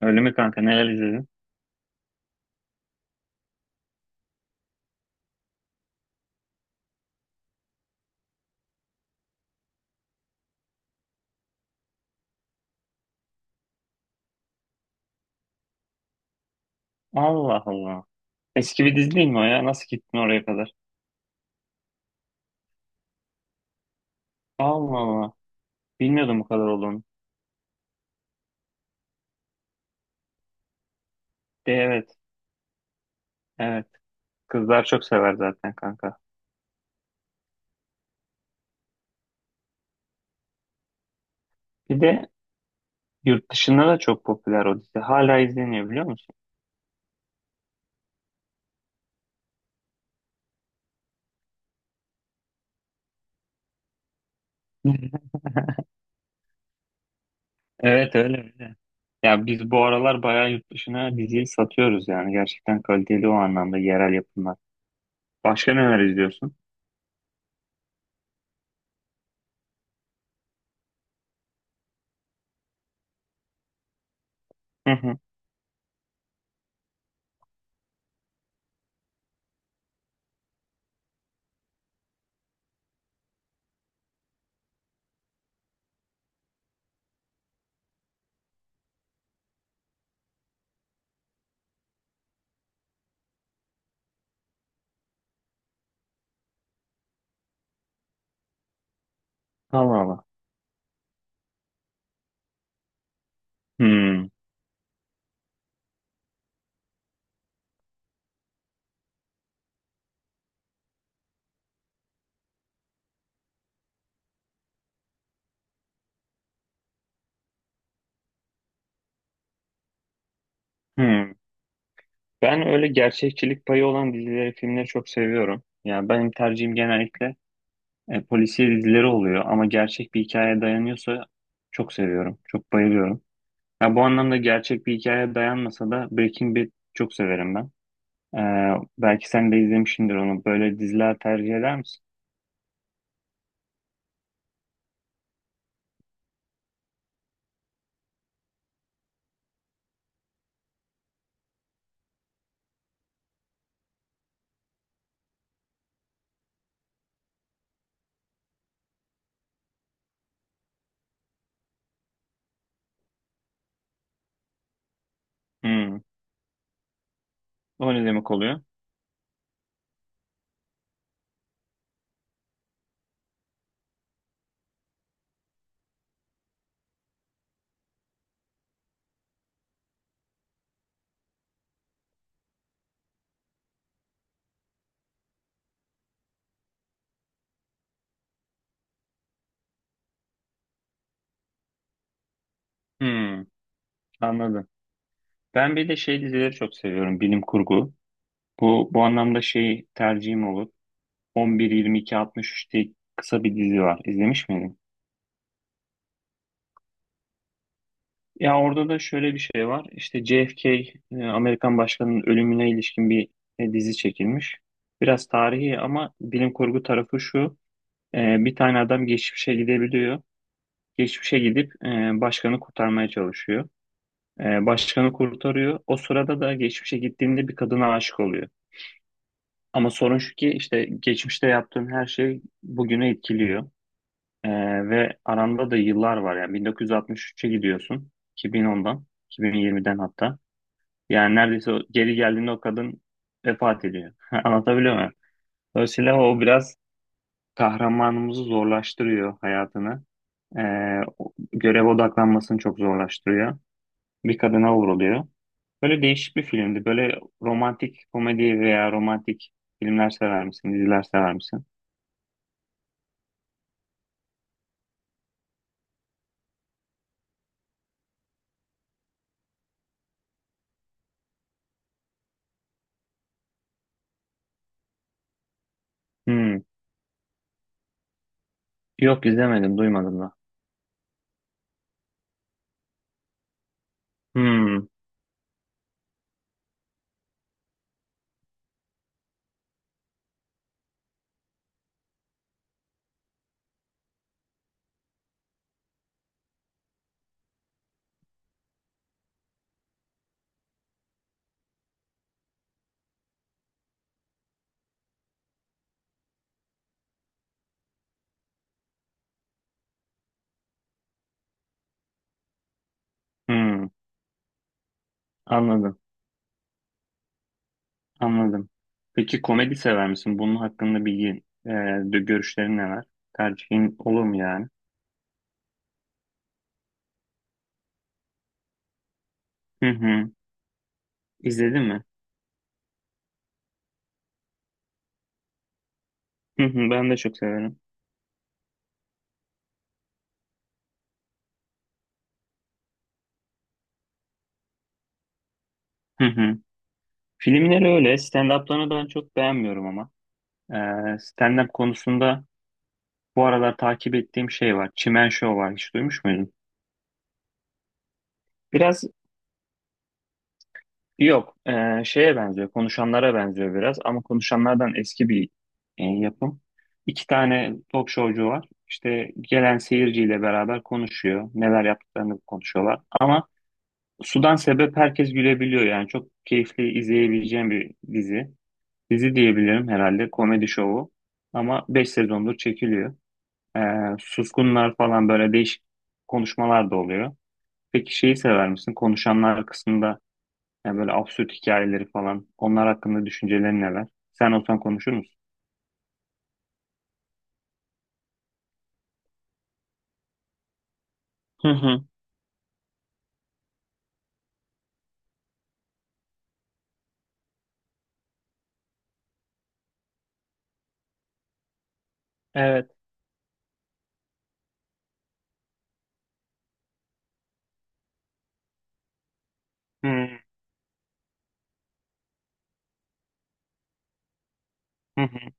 Öyle mi kanka? Neler izledin? Allah Allah. Eski bir dizi değil mi o ya? Nasıl gittin oraya kadar? Allah Allah. Bilmiyordum bu kadar olduğunu. De evet. Evet. Kızlar çok sever zaten kanka. Bir de yurt dışında da çok popüler o dizi. Hala izleniyor biliyor musun? Evet, öyle öyle. Ya biz bu aralar bayağı yurt dışına diziyi satıyoruz yani. Gerçekten kaliteli o anlamda yerel yapımlar. Başka neler izliyorsun? Hı hı. Allah Allah. Hmm. Hmm. Ben öyle gerçekçilik payı olan dizileri, filmleri çok seviyorum. Yani benim tercihim genellikle polisiye dizileri oluyor ama gerçek bir hikayeye dayanıyorsa çok seviyorum, çok bayılıyorum. Ya bu anlamda gerçek bir hikayeye dayanmasa da Breaking Bad çok severim ben. Ee, Belki sen de izlemişsindir onu. Böyle diziler tercih eder misin? Hmm. O ne demek oluyor? Hmm. Anladım. Ben bir de şey dizileri çok seviyorum, bilim kurgu. Bu anlamda şey tercihim olur. 11-22-63 diye kısa bir dizi var. İzlemiş miydin? Ya orada da şöyle bir şey var. İşte JFK, Amerikan başkanının ölümüne ilişkin bir dizi çekilmiş. Biraz tarihi ama bilim kurgu tarafı şu. Bir tane adam geçmişe gidebiliyor. Geçmişe gidip başkanı kurtarmaya çalışıyor. Başkanı kurtarıyor. O sırada da geçmişe gittiğinde bir kadına aşık oluyor. Ama sorun şu ki işte geçmişte yaptığın her şey bugüne etkiliyor. Ee, Ve aranda da yıllar var yani 1963'e gidiyorsun, 2010'dan, 2020'den hatta. Yani neredeyse geri geldiğinde o kadın vefat ediyor. Anlatabiliyor muyum? Dolayısıyla o biraz kahramanımızı zorlaştırıyor, hayatını. Görev odaklanmasını çok zorlaştırıyor. Bir kadına vuruluyor. Böyle değişik bir filmdi. Böyle romantik komedi veya romantik filmler sever misin, diziler sever misin? Hmm. Yok, izlemedim duymadım da. Hmm. Hmm. Anladım. Anladım. Peki komedi sever misin? Bunun hakkında bilgi, görüşlerin neler? Tercihin olur mu yani? Hı hı. İzledin mi? Hı hı. Ben de çok severim. Hı hı. Filmleri öyle. Stand-up'larını ben çok beğenmiyorum ama. E, Stand-up konusunda bu aralar takip ettiğim şey var. Çimen Show var. Hiç duymuş muydun? Biraz. Yok, şeye benziyor, konuşanlara benziyor biraz ama konuşanlardan eski bir yapım. İki tane talk showcu var. İşte gelen seyirciyle beraber konuşuyor, neler yaptıklarını konuşuyorlar. Ama sudan sebep herkes gülebiliyor yani çok keyifli izleyebileceğim bir dizi. Dizi diyebilirim herhalde, komedi şovu. Ama 5 sezondur çekiliyor. E, Suskunlar falan böyle değişik konuşmalar da oluyor. Peki şeyi sever misin? Konuşanlar kısmında yani böyle absürt hikayeleri falan. Onlar hakkında düşüncelerin neler? Sen olsan konuşur musun? Hı hı. Evet. Hı hı hı.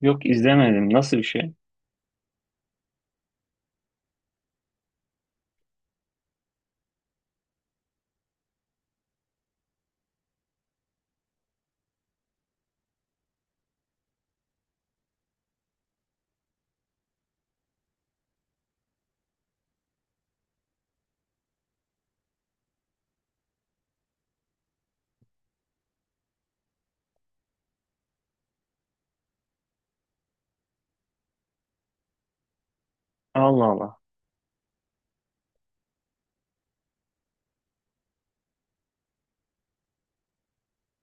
Yok, izlemedim. Nasıl bir şey? Allah Allah.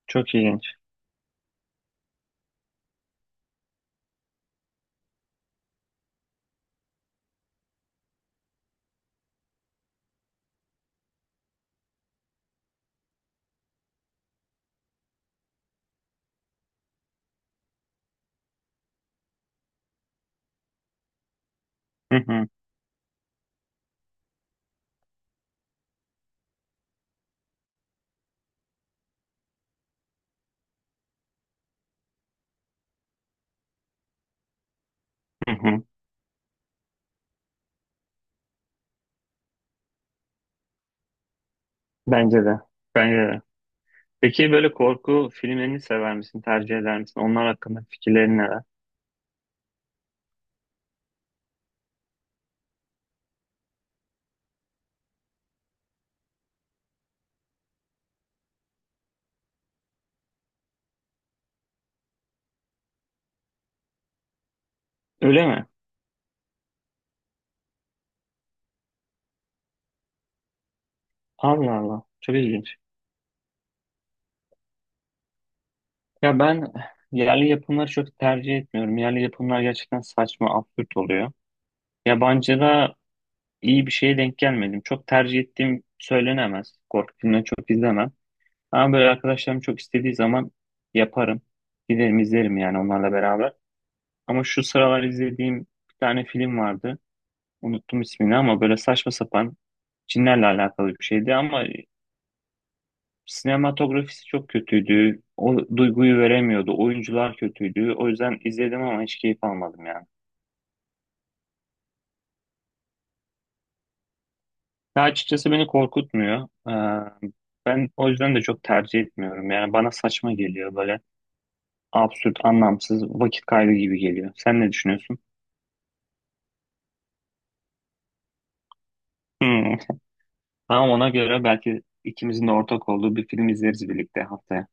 Çok ilginç. Hı hı hı hı. Bence de. Bence de. Peki böyle korku filmlerini sever misin? Tercih eder misin? Onlar hakkında fikirlerin neler? Öyle mi? Allah Allah. Çok ilginç. Ya ben yerli yapımları çok tercih etmiyorum. Yerli yapımlar gerçekten saçma, absürt oluyor. Yabancıda iyi bir şeye denk gelmedim. Çok tercih ettiğim söylenemez. Korku filmleri çok izlemem. Ama böyle arkadaşlarım çok istediği zaman yaparım. Giderim izlerim yani onlarla beraber. Ama şu sıralar izlediğim bir tane film vardı. Unuttum ismini ama böyle saçma sapan cinlerle alakalı bir şeydi ama sinematografisi çok kötüydü. O duyguyu veremiyordu. Oyuncular kötüydü. O yüzden izledim ama hiç keyif almadım ya. Ya açıkçası beni korkutmuyor. Ben o yüzden de çok tercih etmiyorum. Yani bana saçma geliyor, böyle absürt, anlamsız, vakit kaybı gibi geliyor. Sen ne düşünüyorsun? Hmm. Tamam, ona göre belki ikimizin de ortak olduğu bir film izleriz birlikte haftaya.